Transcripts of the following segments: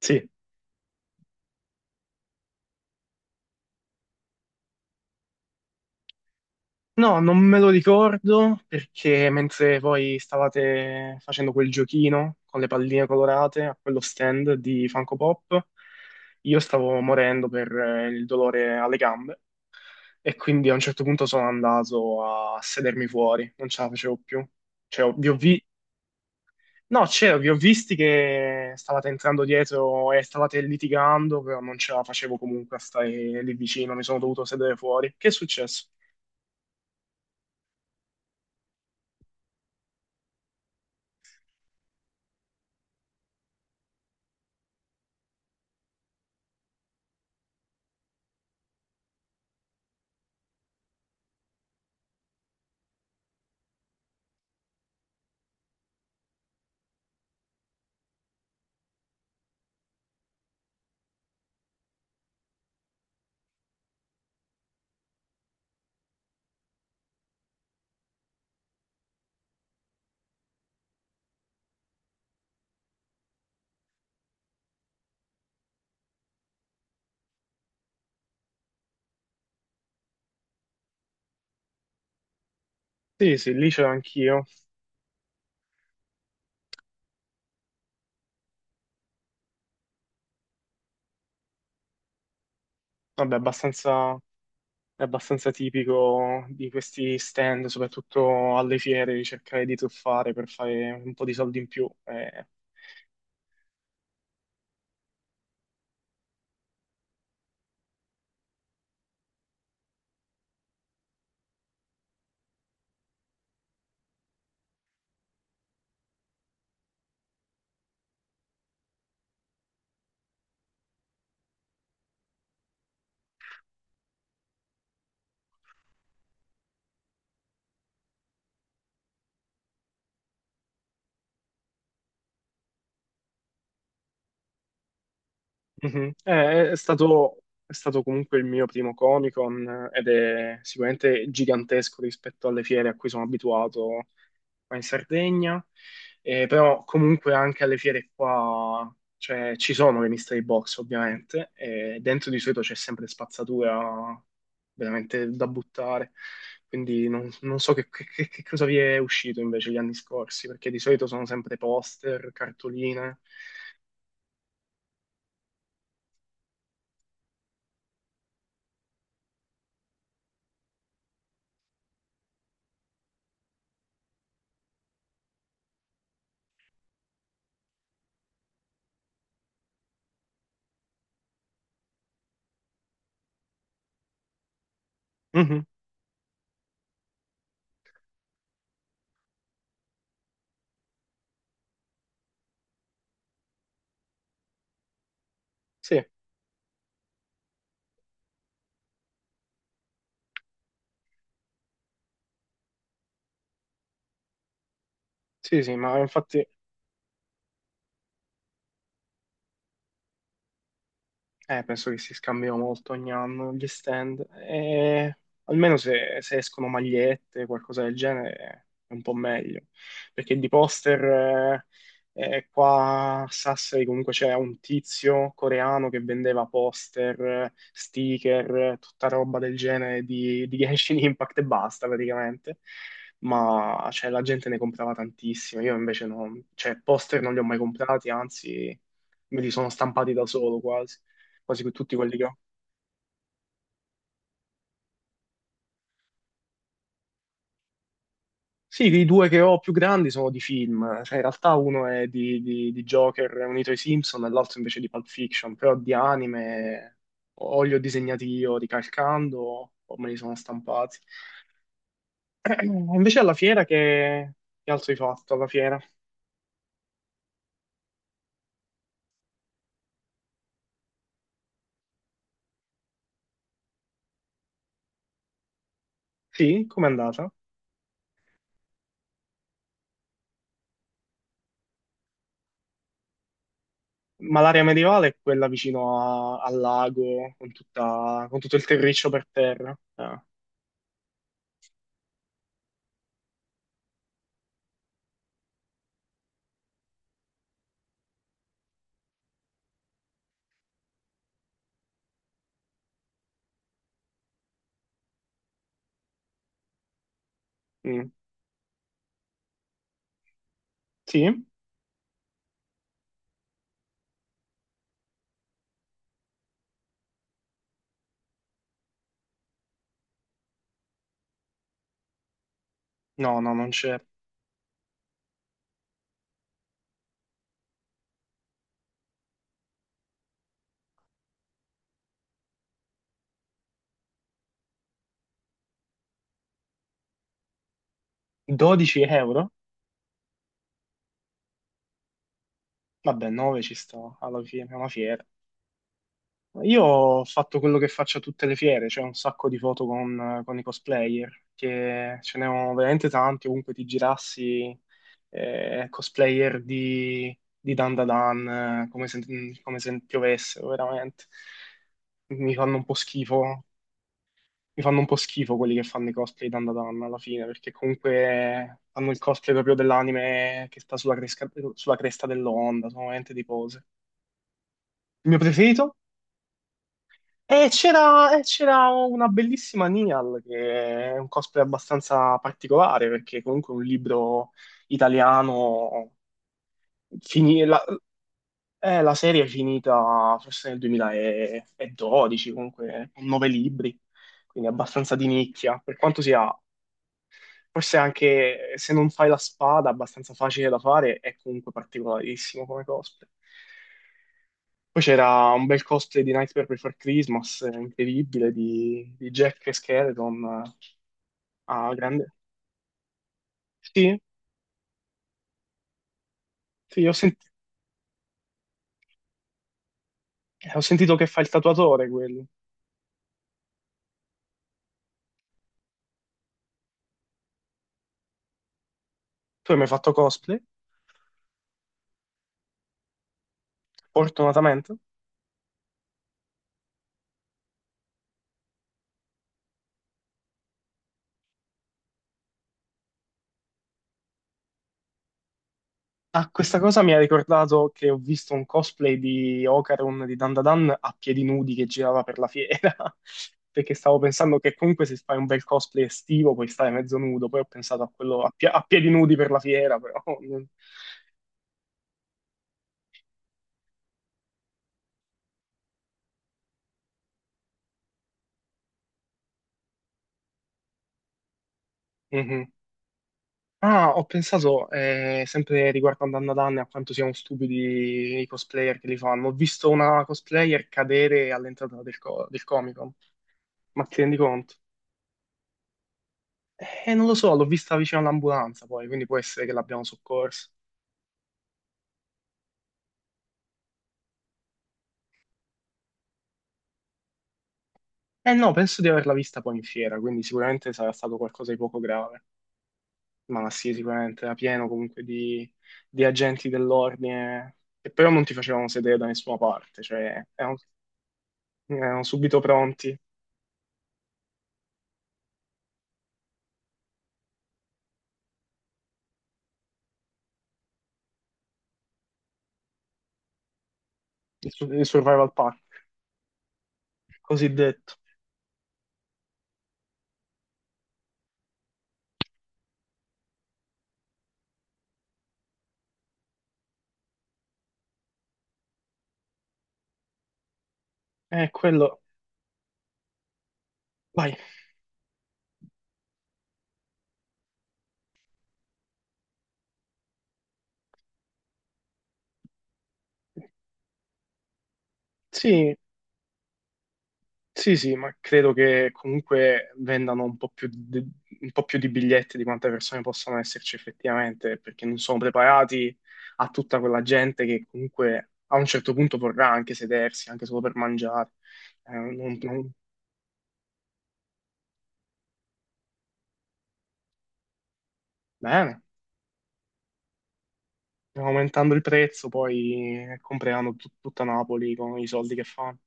Sì. No, non me lo ricordo perché mentre voi stavate facendo quel giochino con le palline colorate a quello stand di Funko Pop, io stavo morendo per il dolore alle gambe e quindi a un certo punto sono andato a sedermi fuori, non ce la facevo più. Cioè, ho- vi ho vi- No, c'ero, vi ho visti che stavate entrando dietro e stavate litigando, però non ce la facevo comunque a stare lì vicino, mi sono dovuto sedere fuori. Che è successo? Sì, sì, lì c'ero anch'io. Vabbè, abbastanza, è abbastanza tipico di questi stand, soprattutto alle fiere, di cercare di truffare per fare un po' di soldi in più. Mhm. È stato, è stato comunque il mio primo Comic-Con, ed è sicuramente gigantesco rispetto alle fiere a cui sono abituato qua in Sardegna, però comunque anche alle fiere qua, cioè, ci sono le mystery box ovviamente, e dentro di solito c'è sempre spazzatura veramente da buttare, quindi non, non so che, che cosa vi è uscito invece gli anni scorsi, perché di solito sono sempre poster, cartoline. Mhm. Sì, sì, sì, ma infatti penso che si scambiano molto ogni anno gli stand. E almeno se, se escono magliette, qualcosa del genere, è un po' meglio. Perché di poster, qua a Sassari comunque c'era un tizio coreano che vendeva poster, sticker, tutta roba del genere di Genshin Impact e basta praticamente. Ma cioè, la gente ne comprava tantissimo. Io invece non, cioè, poster non li ho mai comprati, anzi, me li sono stampati da solo quasi quasi tutti quelli che ho. Sì, i due che ho più grandi sono di film, cioè in realtà uno è di, di Joker unito ai Simpson e l'altro invece di Pulp Fiction, però di anime o li ho disegnati io ricalcando o me li sono stampati. Invece alla fiera che altro hai fatto alla fiera? Sì, com'è andata? Ma l'area medievale è quella vicino al lago, con, con tutto il terriccio per terra. Ah, mm. Sì? No, no, non c'è. 12 euro? Vabbè, 9 ci sta, alla fine è una fiera. Io ho fatto quello che faccio a tutte le fiere, cioè un sacco di foto con i cosplayer, che ce ne ho veramente tanti, ovunque ti girassi, cosplayer di Dan Da Dan, eh, come se, come se piovessero, veramente. Mi fanno un po' schifo, mi fanno un po' schifo quelli che fanno i cosplay di Dan Da Dan alla fine, perché comunque fanno il cosplay proprio dell'anime che sta sulla, sulla cresta dell'onda, sono veramente di pose. Il mio preferito? E c'era una bellissima Nial, che è un cosplay abbastanza particolare, perché comunque è un libro italiano. fini- la, la serie è finita forse nel 2012, comunque con nove libri, quindi abbastanza di nicchia, per quanto sia. Forse anche, se non fai la spada, abbastanza facile da fare, è comunque particolarissimo come cosplay. Poi c'era un bel cosplay di Nightmare Before Christmas, incredibile, di Jack e Skeleton. Ah, grande. Sì, sì, ho sentito che fa il tatuatore quello. Tu hai mai fatto cosplay? Fortunatamente. Ah, questa cosa mi ha ricordato che ho visto un cosplay di Ocaron di Dandadan a piedi nudi che girava per la fiera, perché stavo pensando che comunque se fai un bel cosplay estivo puoi stare mezzo nudo, poi ho pensato a quello a, a piedi nudi per la fiera, però... non- Mhm. Ah, ho pensato, sempre riguardo a Dandadan e a quanto siano stupidi i cosplayer che li fanno, ho visto una cosplayer cadere all'entrata del, del Comic Con, ma ti rendi conto? Non lo so, l'ho vista vicino all'ambulanza poi, quindi può essere che l'abbiamo soccorsa. Eh no, penso di averla vista poi in fiera, quindi sicuramente sarà stato qualcosa di poco grave. Ma sì, sicuramente era pieno comunque di agenti dell'ordine che però non ti facevano sedere da nessuna parte, cioè erano, erano subito pronti, il, il survival pack, cosiddetto. Quello... Vai. Sì. Sì, sì, ma credo che comunque vendano un po' più di, un po' più di biglietti di quante persone possano esserci effettivamente, perché non sono preparati a tutta quella gente che comunque a un certo punto vorrà anche sedersi, anche solo per mangiare. Eh, non- non- Bene, aumentando il prezzo poi compreranno tutta Napoli con i soldi che fanno.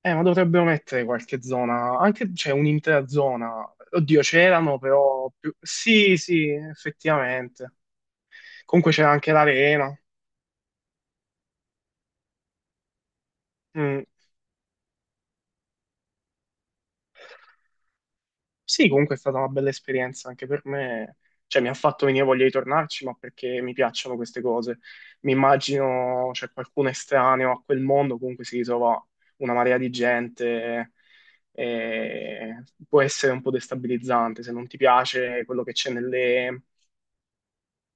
Ma dovrebbero mettere qualche zona, anche c'è un'intera zona. Oddio, c'erano però più... Sì, sì, effettivamente. Comunque c'era anche l'arena. Mm. Sì, comunque è stata una bella esperienza anche per me. Cioè, mi ha fatto venire voglia di tornarci, ma perché mi piacciono queste cose. Mi immagino, c'è qualcuno estraneo a quel mondo, comunque si ritrova una marea di gente. E può essere un po' destabilizzante se non ti piace quello che c'è nelle.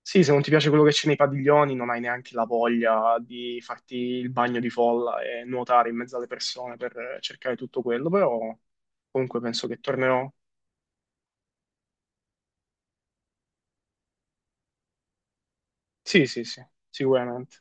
Sì, se non ti piace quello che c'è nei padiglioni, non hai neanche la voglia di farti il bagno di folla e nuotare in mezzo alle persone per cercare tutto quello, però comunque penso che tornerò. Sì, sì, sì, sicuramente.